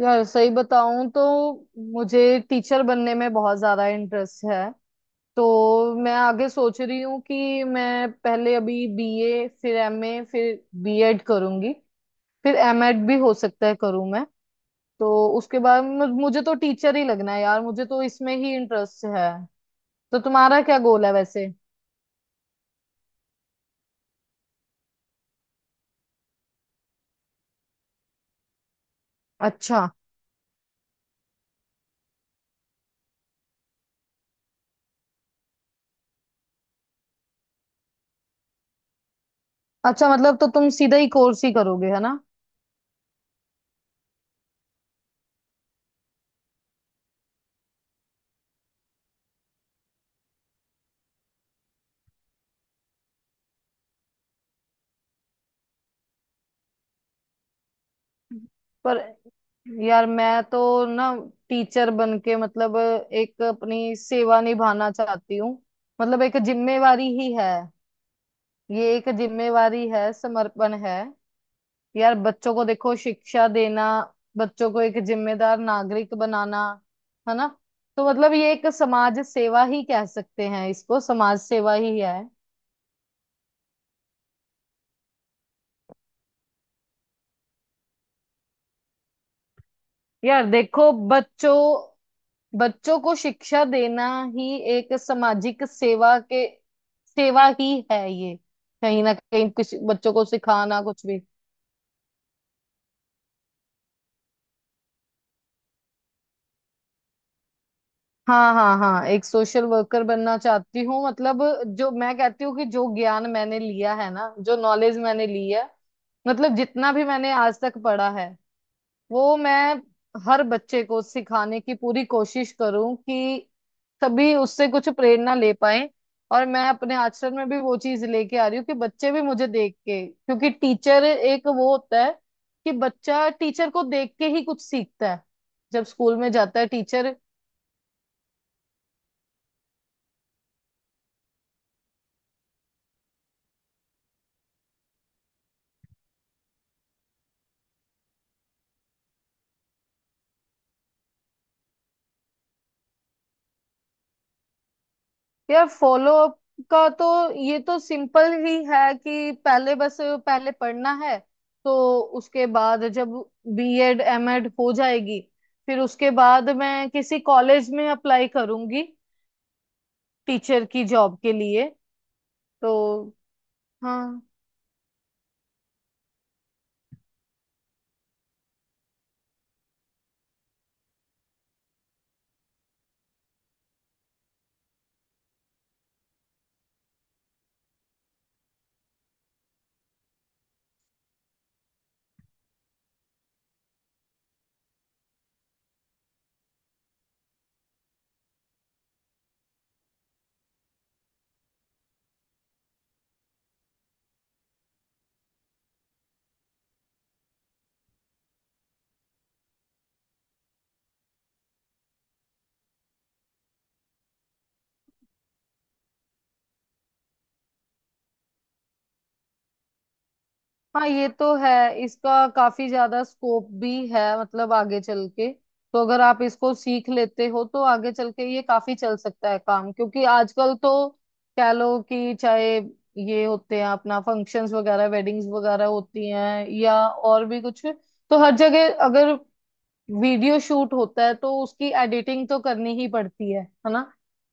यार सही बताऊं तो मुझे टीचर बनने में बहुत ज्यादा इंटरेस्ट है। तो मैं आगे सोच रही हूँ कि मैं पहले अभी B.A. फिर M.A. फिर B.Ed. करूंगी। फिर M.Ed. भी हो सकता है करूँ मैं। तो उसके बाद मुझे तो टीचर ही लगना है यार, मुझे तो इसमें ही इंटरेस्ट है। तो तुम्हारा क्या गोल है वैसे? अच्छा। अच्छा मतलब तो तुम सीधा ही कोर्स ही करोगे है ना? पर यार मैं तो ना टीचर बन के मतलब एक अपनी सेवा निभाना चाहती हूँ। मतलब एक जिम्मेवारी ही है। ये एक जिम्मेवारी है, समर्पण है। यार बच्चों को देखो शिक्षा देना, बच्चों को एक जिम्मेदार नागरिक बनाना, है ना। तो मतलब ये एक समाज सेवा ही कह सकते हैं इसको, समाज सेवा ही है। यार देखो बच्चों, बच्चों को शिक्षा देना ही एक सामाजिक सेवा के, सेवा ही है ये। कहीं ना कहीं कुछ बच्चों को सिखाना कुछ भी। हाँ हाँ हाँ, एक सोशल वर्कर बनना चाहती हूँ। मतलब जो मैं कहती हूँ कि जो ज्ञान मैंने लिया है ना, जो नॉलेज मैंने ली है, मतलब जितना भी मैंने आज तक पढ़ा है, वो मैं हर बच्चे को सिखाने की पूरी कोशिश करूं कि सभी उससे कुछ प्रेरणा ले पाए। और मैं अपने आचरण में भी वो चीज लेके आ रही हूँ कि बच्चे भी मुझे देख के, क्योंकि टीचर एक वो होता है कि बच्चा टीचर को देख के ही कुछ सीखता है जब स्कूल में जाता है टीचर। यार फॉलो अप का तो ये तो सिंपल ही है कि पहले बस पहले पढ़ना है। तो उसके बाद जब B.Ed. M.Ed. हो जाएगी फिर उसके बाद मैं किसी कॉलेज में अप्लाई करूंगी टीचर की जॉब के लिए। तो हाँ। हाँ ये तो है, इसका काफी ज्यादा स्कोप भी है मतलब आगे चल के। तो अगर आप इसको सीख लेते हो तो आगे चल के ये काफी चल सकता है काम, क्योंकि आजकल तो कह लो कि चाहे ये होते हैं अपना फंक्शंस वगैरह, वेडिंग्स वगैरह होती हैं या और भी कुछ, तो हर जगह अगर वीडियो शूट होता है तो उसकी एडिटिंग तो करनी ही पड़ती है ना।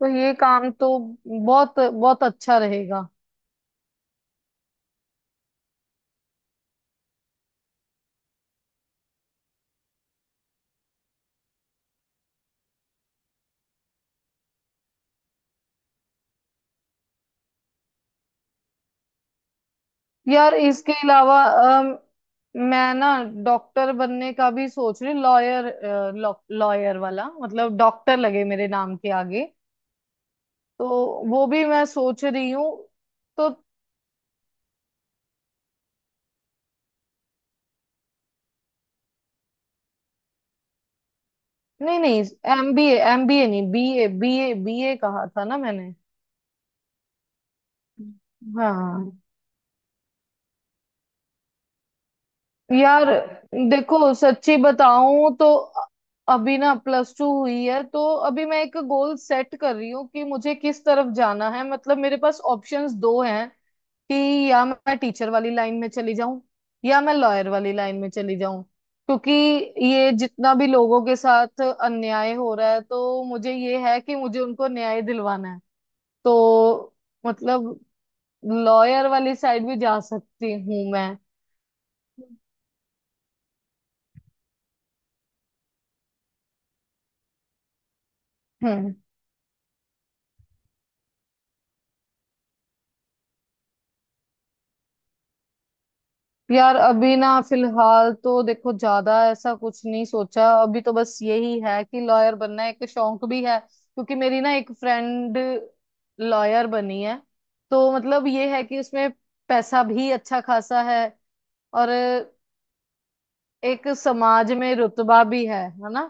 तो ये काम तो बहुत बहुत अच्छा रहेगा। यार इसके अलावा मैं ना डॉक्टर बनने का भी सोच रही, लॉयर, लॉयर वाला मतलब डॉक्टर लगे मेरे नाम के आगे। तो वो भी मैं सोच रही हूँ। तो नहीं नहीं, MBA MBA नहीं, B.A., बीए बीए कहा था ना मैंने। हाँ। यार देखो सच्ची बताऊं तो अभी ना प्लस टू हुई है, तो अभी मैं एक गोल सेट कर रही हूँ कि मुझे किस तरफ जाना है। मतलब मेरे पास ऑप्शंस दो हैं कि या मैं टीचर वाली लाइन में चली जाऊं या मैं लॉयर वाली लाइन में चली जाऊं, क्योंकि ये जितना भी लोगों के साथ अन्याय हो रहा है तो मुझे ये है कि मुझे उनको न्याय दिलवाना है। तो मतलब लॉयर वाली साइड भी जा सकती हूँ मैं। हम्म। यार अभी ना फिलहाल तो देखो ज्यादा ऐसा कुछ नहीं सोचा, अभी तो बस यही है कि लॉयर बनना एक शौक भी है क्योंकि मेरी ना एक फ्रेंड लॉयर बनी है। तो मतलब ये है कि उसमें पैसा भी अच्छा खासा है, और एक समाज में रुतबा भी है ना।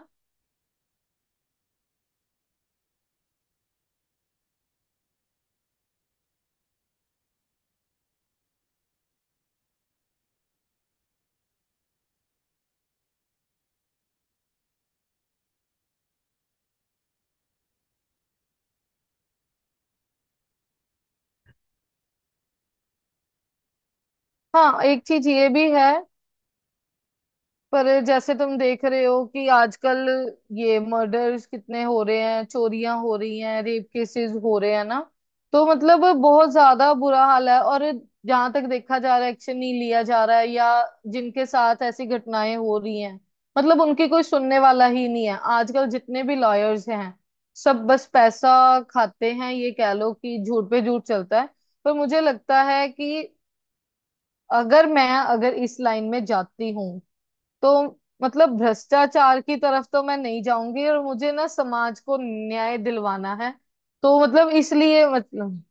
हाँ एक चीज ये भी है। पर जैसे तुम देख रहे हो कि आजकल ये मर्डर्स कितने हो रहे हैं, चोरियां हो रही हैं, रेप केसेस हो रहे हैं ना। तो मतलब बहुत ज्यादा बुरा हाल है, और जहां तक देखा जा रहा है एक्शन नहीं लिया जा रहा है, या जिनके साथ ऐसी घटनाएं हो रही हैं मतलब उनकी कोई सुनने वाला ही नहीं है। आजकल जितने भी लॉयर्स हैं सब बस पैसा खाते हैं, ये कह लो कि झूठ पे झूठ चलता है। पर मुझे लगता है कि अगर इस लाइन में जाती हूँ तो मतलब भ्रष्टाचार की तरफ तो मैं नहीं जाऊंगी, और मुझे ना समाज को न्याय दिलवाना है। तो मतलब इसलिए मतलब,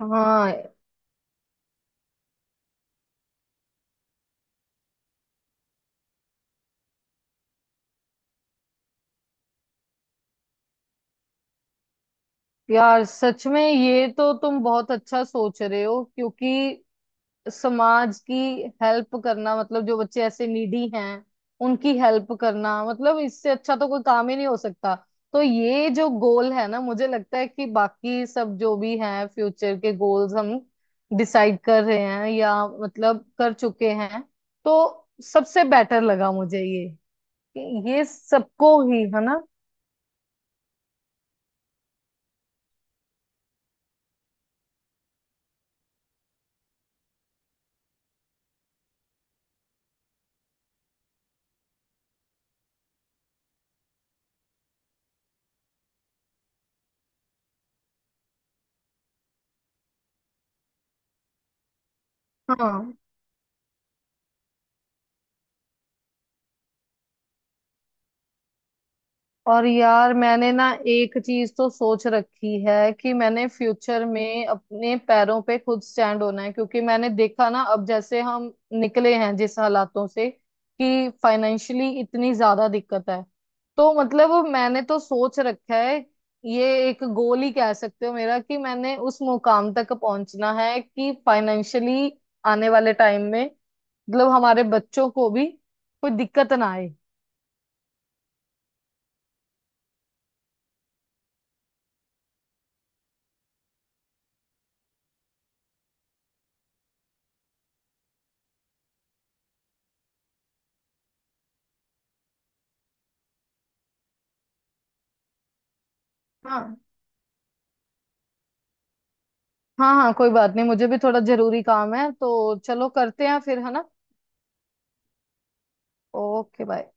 हाँ। यार सच में ये तो तुम बहुत अच्छा सोच रहे हो, क्योंकि समाज की हेल्प करना, मतलब जो बच्चे ऐसे नीडी हैं उनकी हेल्प करना, मतलब इससे अच्छा तो कोई काम ही नहीं हो सकता। तो ये जो गोल है ना, मुझे लगता है कि बाकी सब जो भी हैं फ्यूचर के गोल्स हम डिसाइड कर रहे हैं या मतलब कर चुके हैं, तो सबसे बेटर लगा मुझे ये, कि ये सबको ही है ना। हाँ। और यार मैंने ना एक चीज तो सोच रखी है कि मैंने फ्यूचर में अपने पैरों पे खुद स्टैंड होना है, क्योंकि मैंने देखा ना अब जैसे हम निकले हैं जिस हालातों से, कि फाइनेंशियली इतनी ज्यादा दिक्कत है। तो मतलब मैंने तो सोच रखा है, ये एक गोल ही कह सकते हो मेरा, कि मैंने उस मुकाम तक पहुंचना है कि फाइनेंशियली आने वाले टाइम में मतलब हमारे बच्चों को भी कोई दिक्कत ना आए। हाँ हाँ हाँ, कोई बात नहीं, मुझे भी थोड़ा जरूरी काम है तो चलो करते हैं फिर, है ना। Okay bye.